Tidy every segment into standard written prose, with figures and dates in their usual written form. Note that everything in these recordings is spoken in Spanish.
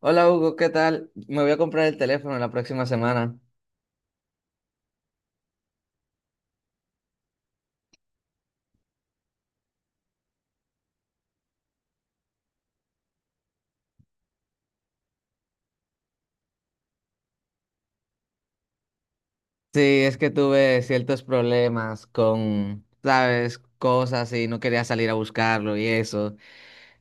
Hola Hugo, ¿qué tal? Me voy a comprar el teléfono la próxima semana. Sí, es que tuve ciertos problemas con, sabes, cosas y no quería salir a buscarlo y eso.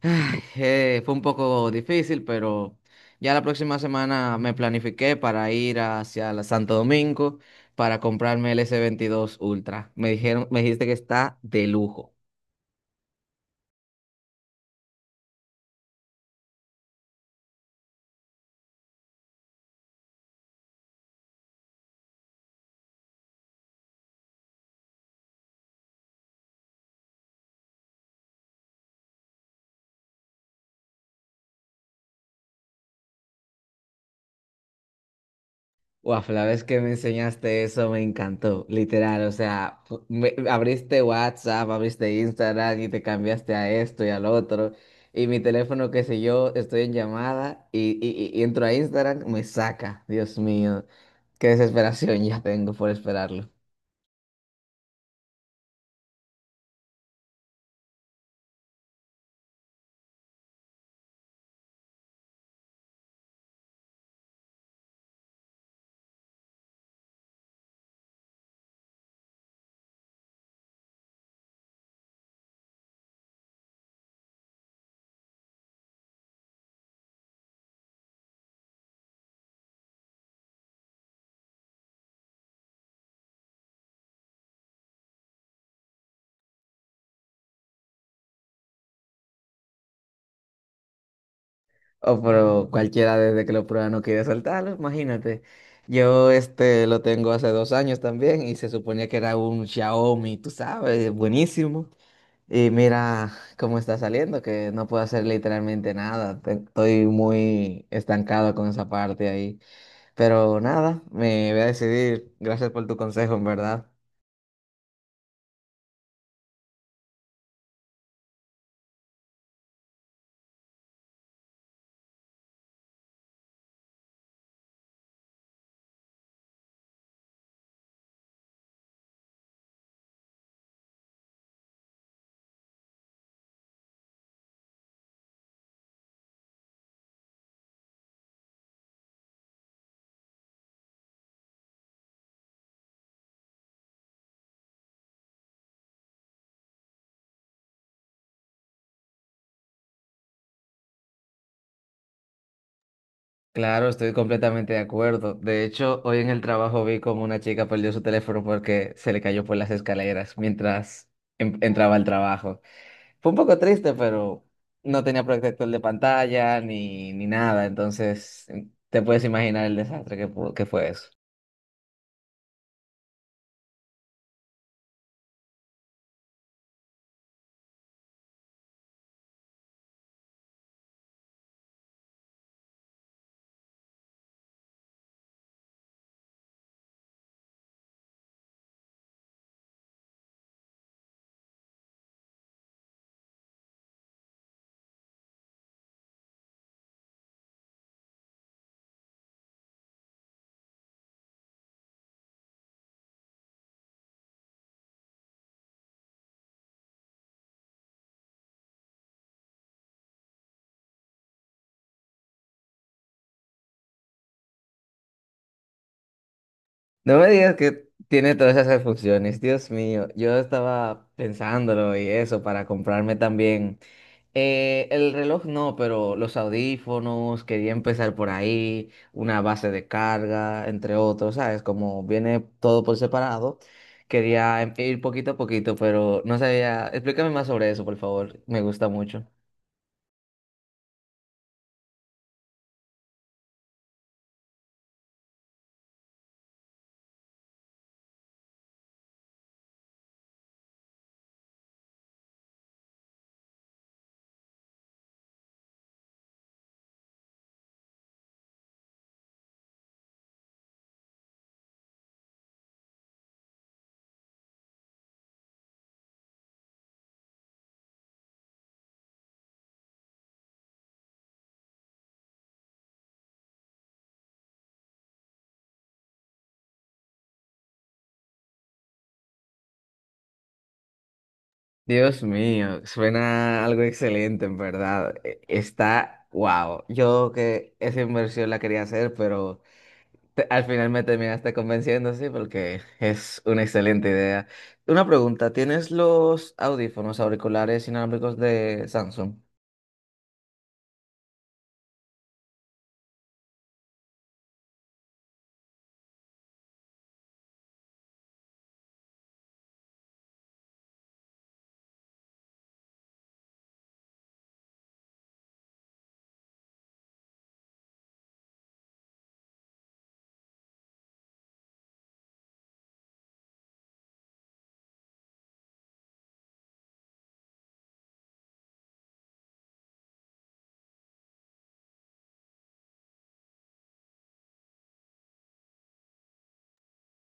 Ay, fue un poco difícil, pero ya la próxima semana me planifiqué para ir hacia la Santo Domingo para comprarme el s veintidós Ultra. Me dijeron, me dijiste que está de lujo. Guau, la vez que me enseñaste eso me encantó, literal, o sea, abriste WhatsApp, abriste Instagram y te cambiaste a esto y al otro, y mi teléfono, qué sé yo, estoy en llamada y entro a Instagram, me saca, Dios mío, qué desesperación ya tengo por esperarlo, o por cualquiera desde que lo prueba no quiere soltarlo, imagínate, yo este lo tengo hace 2 años también y se suponía que era un Xiaomi, tú sabes, buenísimo. Y mira cómo está saliendo, que no puedo hacer literalmente nada. Estoy muy estancado con esa parte ahí. Pero nada, me voy a decidir. Gracias por tu consejo, en verdad. Claro, estoy completamente de acuerdo. De hecho, hoy en el trabajo vi como una chica perdió su teléfono porque se le cayó por las escaleras mientras entraba al trabajo. Fue un poco triste, pero no tenía protector de pantalla ni, ni nada. Entonces, te puedes imaginar el desastre que, que fue eso. No me digas que tiene todas esas funciones, Dios mío. Yo estaba pensándolo y eso para comprarme también. El reloj no, pero los audífonos, quería empezar por ahí, una base de carga, entre otros, ¿sabes? Como viene todo por separado, quería ir poquito a poquito, pero no sabía. Explícame más sobre eso, por favor. Me gusta mucho. Dios mío, suena algo excelente, en verdad. Está, wow. Yo que esa inversión la quería hacer, pero al final me terminaste convenciendo, sí, porque es una excelente idea. Una pregunta, ¿tienes los audífonos auriculares inalámbricos de Samsung?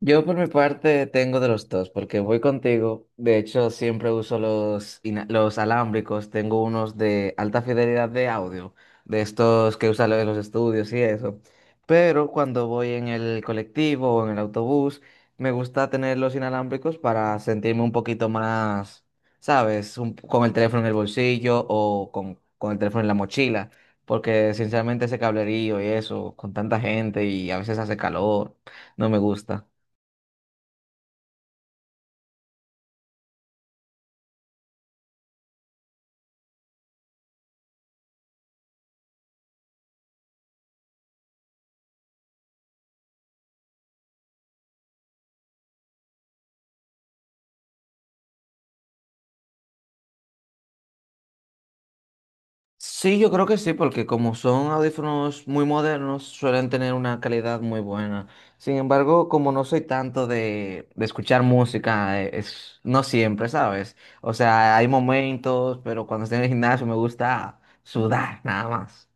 Yo por mi parte tengo de los dos, porque voy contigo. De hecho, siempre uso los alámbricos. Tengo unos de alta fidelidad de audio, de estos que usan en los estudios y eso. Pero cuando voy en el colectivo o en el autobús, me gusta tener los inalámbricos para sentirme un poquito más, ¿sabes? Con el teléfono en el bolsillo o con el teléfono en la mochila. Porque sinceramente ese cablerío y eso, con tanta gente y a veces hace calor, no me gusta. Sí, yo creo que sí, porque como son audífonos muy modernos, suelen tener una calidad muy buena. Sin embargo, como no soy tanto de escuchar música, es, no siempre, ¿sabes? O sea, hay momentos, pero cuando estoy en el gimnasio me gusta sudar, nada más.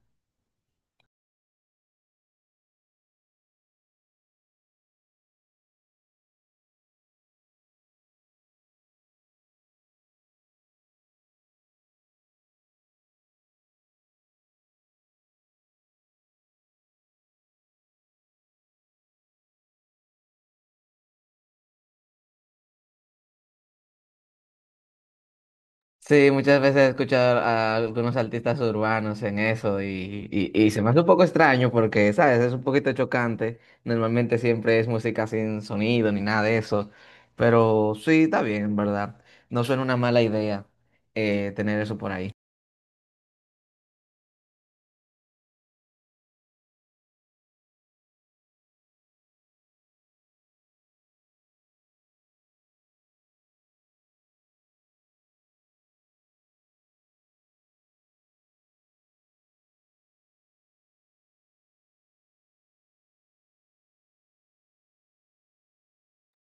Sí, muchas veces he escuchado a algunos artistas urbanos en eso y se me hace un poco extraño porque, ¿sabes? Es un poquito chocante. Normalmente siempre es música sin sonido ni nada de eso. Pero sí, está bien, en ¿verdad? No suena una mala idea tener eso por ahí.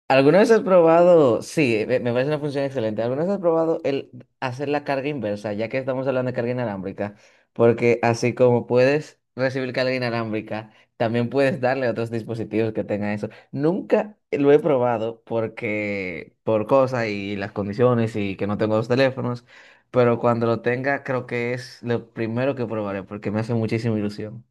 ¿Alguna vez has probado? Sí, me parece una función excelente. ¿Alguna vez has probado el hacer la carga inversa, ya que estamos hablando de carga inalámbrica? Porque así como puedes recibir carga inalámbrica, también puedes darle a otros dispositivos que tengan eso. Nunca lo he probado porque por cosas y las condiciones y que no tengo dos teléfonos, pero cuando lo tenga creo que es lo primero que probaré porque me hace muchísima ilusión.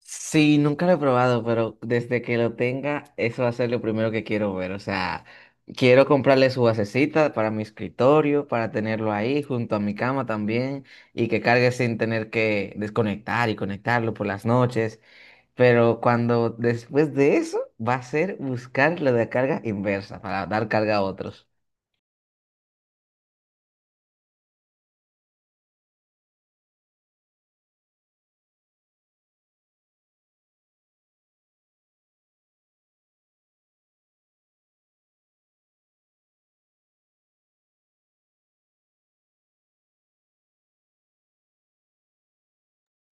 Sí, nunca lo he probado, pero desde que lo tenga, eso va a ser lo primero que quiero ver. O sea, quiero comprarle su basecita para mi escritorio, para tenerlo ahí junto a mi cama también y que cargue sin tener que desconectar y conectarlo por las noches. Pero cuando después de eso, va a ser buscar lo de carga inversa para dar carga a otros.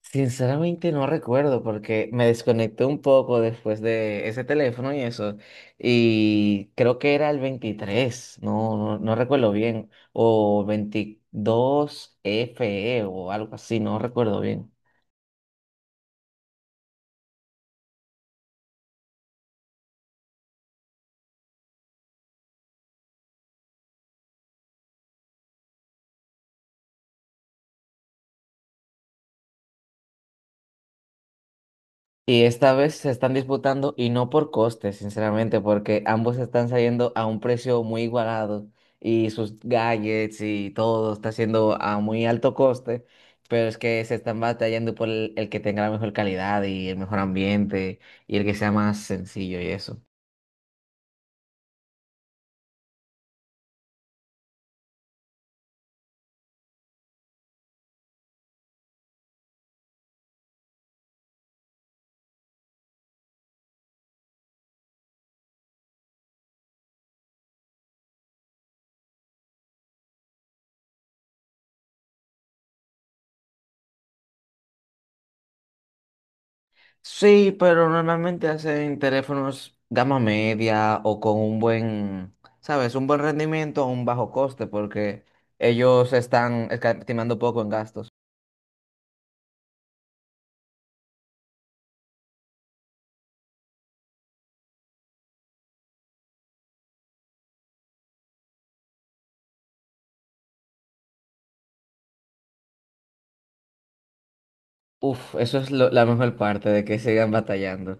Sinceramente no recuerdo porque me desconecté un poco después de ese teléfono y eso. Y creo que era el 23 no, no, no recuerdo bien. O 22 FE o algo así, no recuerdo bien. Y esta vez se están disputando y no por costes, sinceramente, porque ambos están saliendo a un precio muy igualado y sus gadgets y todo está siendo a muy alto coste, pero es que se están batallando por el que tenga la mejor calidad y el mejor ambiente y el que sea más sencillo y eso. Sí, pero normalmente hacen teléfonos gama media o con un buen, ¿sabes? Un buen rendimiento a un bajo coste porque ellos están escatimando poco en gastos. Uf, eso es lo- la mejor parte de que sigan batallando.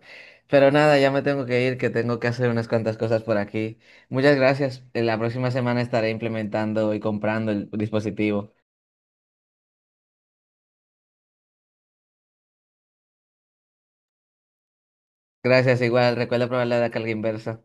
Pero nada, ya me tengo que ir, que tengo que hacer unas cuantas cosas por aquí. Muchas gracias. En la próxima semana estaré implementando y comprando el dispositivo. Gracias, igual. Recuerda probar la carga inversa.